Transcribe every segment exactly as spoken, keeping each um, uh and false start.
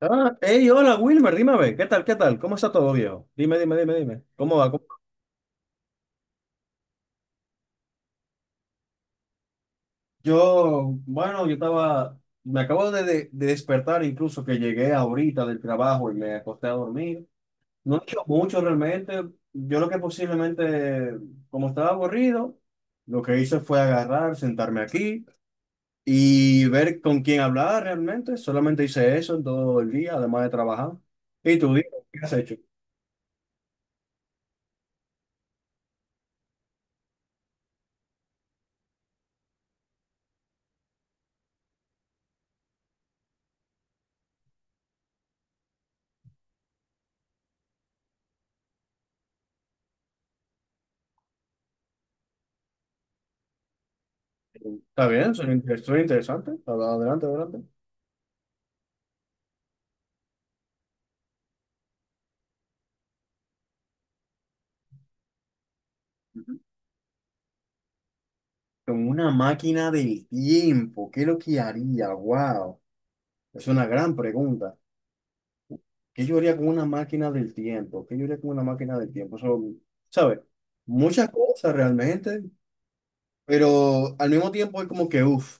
Ah, hey, hola Wilmer, dime a ver, ¿qué tal, qué tal? ¿Cómo está todo, viejo? Dime, dime, dime, dime. ¿Cómo va? ¿Cómo- Yo, bueno, yo estaba, me acabo de, de- de despertar incluso que llegué ahorita del trabajo y me acosté a dormir. No he hecho mucho realmente. Yo lo que posiblemente, como estaba aburrido, lo que hice fue agarrar, sentarme aquí y ver con quién hablar realmente. Solamente hice eso en todo el día, además de trabajar. ¿Y tú, viejo, qué has hecho? Está bien, soy, estoy interesante. Ad- Adelante, adelante. Ujú. Como una máquina del tiempo, ¿qué es lo que haría? Wow, es una gran pregunta. ¿Qué yo haría con una máquina del tiempo? ¿Qué yo haría con una máquina del tiempo? Son, ¿sabes? Muchas cosas realmente, pero al mismo tiempo es como que, uff,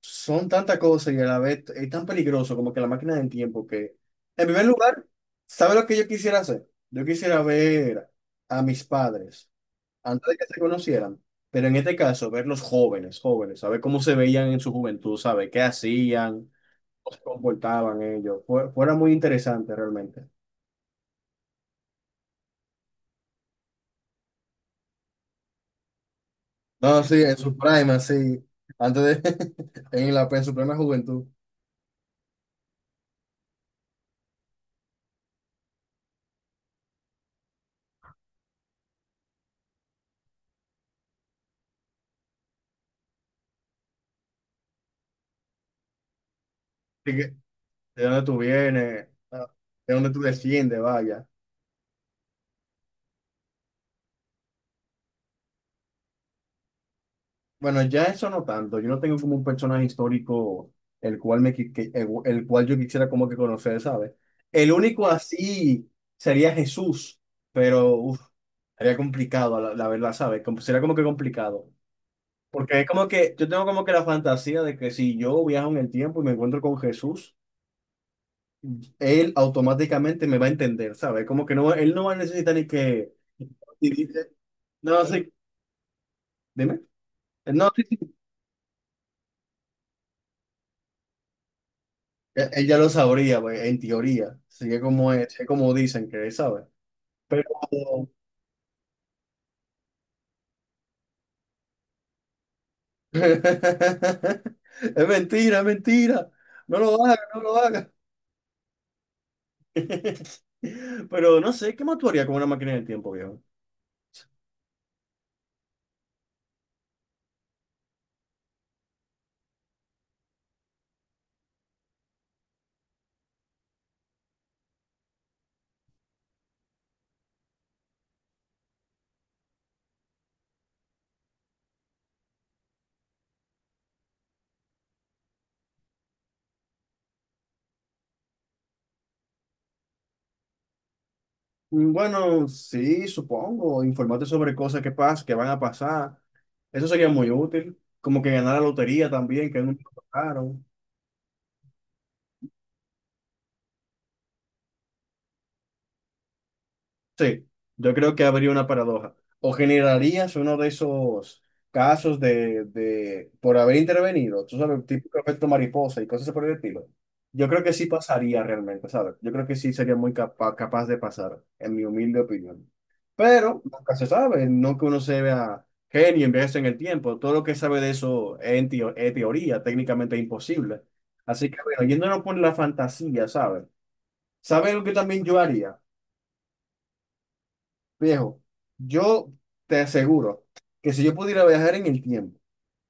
son tantas cosas y a la vez es tan peligroso como que la máquina del tiempo que, en primer lugar, ¿sabes lo que yo quisiera hacer? Yo quisiera ver a mis padres antes de que se conocieran, pero en este caso, verlos jóvenes, jóvenes, saber cómo se veían en su juventud, saber qué hacían, cómo se comportaban ellos, fue, fuera muy interesante realmente. No, sí, en su prime, así, antes de, en la, en su plena juventud. Así que, ¿de dónde tú vienes? Ah, ¿de dónde tú desciendes? Vaya. Bueno, ya eso no tanto. Yo no tengo como un personaje histórico el cual me qui- que- el, el cual yo quisiera como que conocer, ¿sabes? El único así sería Jesús, pero uf, sería complicado, la, la verdad, ¿sabes? Como- sería como que complicado. Porque es como que yo tengo como que la fantasía de que si yo viajo en el tiempo y me encuentro con Jesús, él automáticamente me va a entender, ¿sabes? Como que no, él no va a necesitar ni que... ni- ni- No, sí, dime. No, sí, sí, E- Ella lo sabría, güey, en teoría. Sigue como es, es como dicen que él sabe. Pero es mentira, es mentira. No lo haga, no lo haga. Pero no sé, ¿qué más tú harías con una máquina del tiempo, viejo? Mm, bueno, sí, supongo. Informarte sobre cosas que pasan, que van a pasar. Eso sería muy útil. Como que ganar la lotería también, que nunca tocaron. Sí, yo creo que habría una paradoja. O generarías uno de esos casos de, de por haber intervenido, tú sabes, tipo efecto mariposa y cosas por el estilo. Yo creo que sí pasaría realmente, ¿sabes? Yo creo que sí sería muy capa- capaz de pasar, en mi humilde opinión. Pero nunca se sabe, no que uno se vea genio, envejece en el tiempo. Todo lo que sabe de eso es, en teo- es teoría, técnicamente imposible. Así que, bueno, yéndonos por la fantasía, ¿sabes? ¿Sabes lo que también yo haría? Viejo, yo te aseguro que si yo pudiera viajar en el tiempo,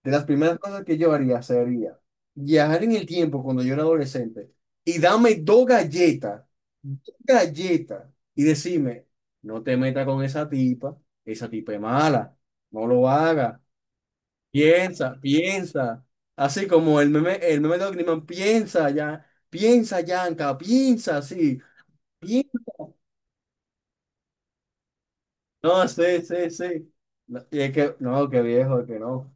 de las primeras cosas que yo haría sería viajar en el tiempo cuando yo era adolescente y dame dos galletas, dos galletas y decirme, no te metas con esa tipa, esa tipa es mala, no lo hagas, piensa, piensa. Así como el meme, el meme de Ogniman, piensa ya, piensa Yanka, piensa así. No, sí, sí, sí. No, y es que, no, qué viejo, que no.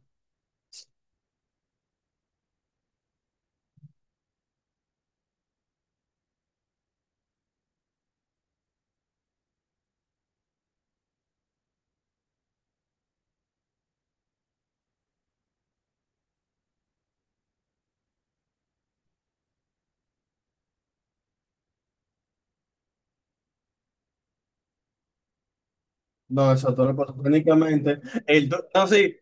No, eso todo lo pasó técnicamente. El tú- no, sí,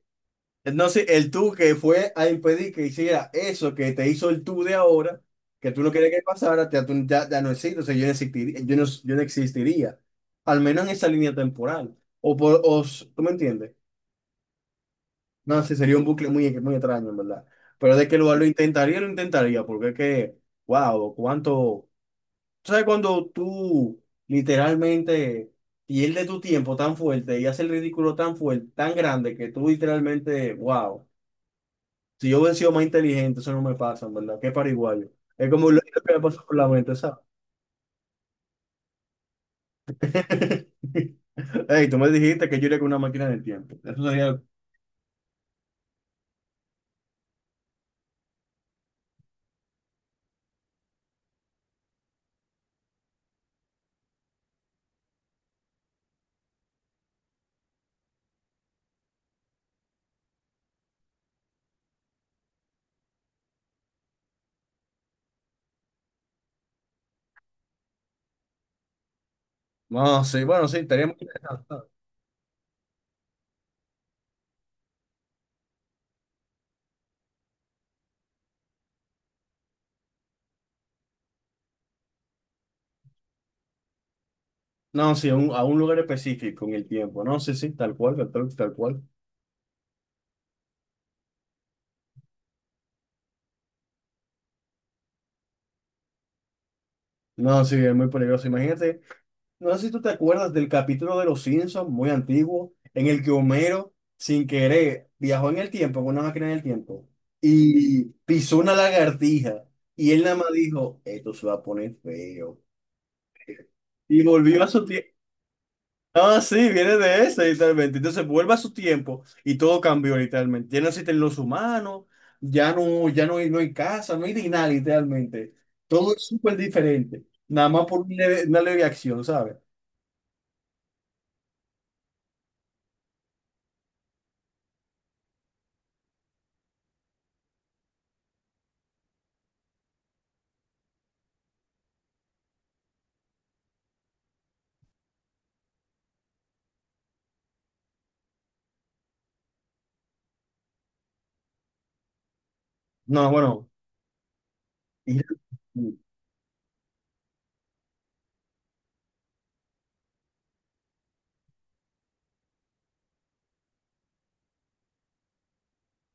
No, sí, el tú que fue a impedir que hiciera eso que te hizo el tú de ahora, que tú no querías que pasara, ya, tú- ya, ya no existe, o sea, yo no existiría, yo no, yo no existiría, al menos en esa línea temporal. O, por, o s- ¿Tú me entiendes? No, sí, sería un bucle muy, muy extraño, en verdad. Pero de que lo, lo intentaría, lo intentaría, porque es que, wow, cuánto. Tú sabes cuando tú literalmente pierdes tu tiempo tan fuerte y haces el ridículo tan fuerte, tan grande, que tú literalmente, wow, si yo hubiera sido más inteligente, eso no me pasa, en verdad, qué pariguayo. Es como lo que me pasó por la mente, ¿sabes? Ey, tú me dijiste que yo iría con una máquina del tiempo. Eso sería, no, sí, bueno, sí, estaría muy interesante. No, sí, a un, a un lugar específico en el tiempo. No, sí, sí, tal cual, tal, tal cual. No, sí, es muy peligroso. Imagínate. No sé si tú te acuerdas del capítulo de Los Simpsons, muy antiguo, en el que Homero, sin querer, viajó en el tiempo, con una máquina en el tiempo, y pisó una lagartija. Y él nada más dijo, esto se va a poner feo. Y volvió a su tiempo. Ah, sí, viene de ese, literalmente. Entonces vuelve a su tiempo y todo cambió, literalmente. Ya no existen los humanos, ya no, ya no hay, no hay casa, no hay ni nada, literalmente. Todo es súper diferente. Nada más por una leve, una leve acción, ¿sabes? No, bueno. Y-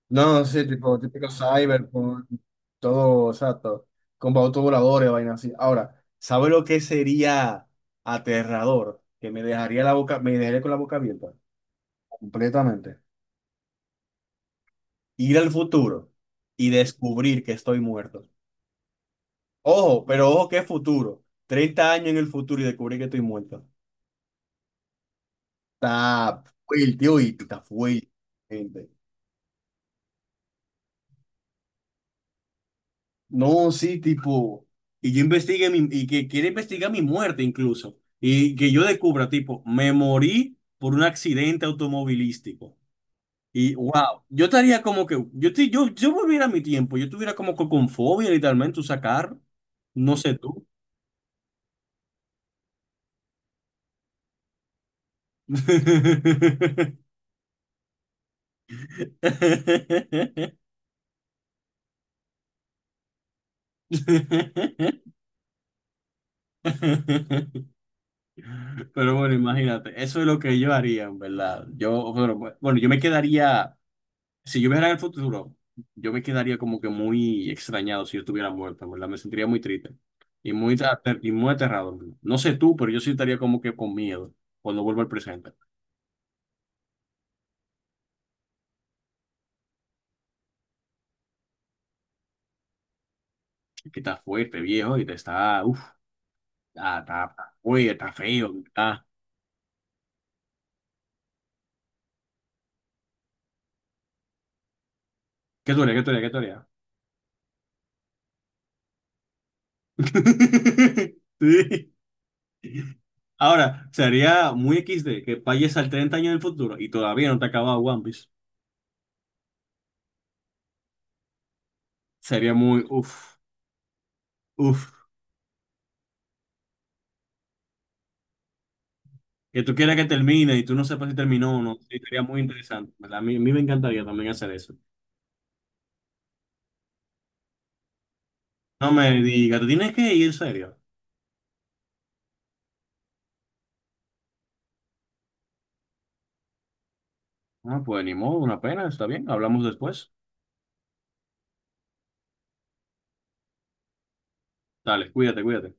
No, sí, tipo, típico cyberpunk, todo, exacto, con autos voladores, vaina así. Ahora, ¿sabe lo que sería aterrador? Que me dejaría la boca, me dejaría con la boca abierta, completamente. Ir al futuro y descubrir que estoy muerto. Ojo, pero ojo, ¿qué futuro? Treinta años en el futuro y descubrir que estoy muerto. Está fuerte, uy, está fuerte. Gente. No, sí, tipo, y yo investigue mi, y que quiere investigar mi muerte incluso, y que yo descubra, tipo, me morí por un accidente automovilístico. Y wow, yo estaría como que, yo, te- yo, si yo volviera a mi tiempo, yo estuviera como que con fobia literalmente, usar carro, no sé tú. Pero bueno, imagínate, eso es lo que yo haría, en verdad. Yo, pero, bueno, yo me quedaría. Si yo viajara al futuro, yo me quedaría como que muy extrañado si yo estuviera muerto, ¿verdad? Me sentiría muy triste y muy, ater- y muy aterrado. No sé tú, pero yo sí estaría como que con miedo cuando vuelvo al presente. Que está fuerte, viejo, y te está, uff, está, está, está fuerte, está feo. Está. ¿Qué tú harías? ¿Qué tú harías? ¿Qué tú harías? Sí. Ahora, sería muy X D que vayas al treinta años del futuro y todavía no te ha acabado One Piece. Sería muy, uff, uff. Que tú quieras que termine y tú no sepas si terminó o no, sí, sería muy interesante, ¿verdad? A mí, a mí me encantaría también hacer eso. No me digas, tú tienes que ir, en serio. Ah, pues ni modo, una pena, está bien, hablamos después. Dale, cuídate, cuídate.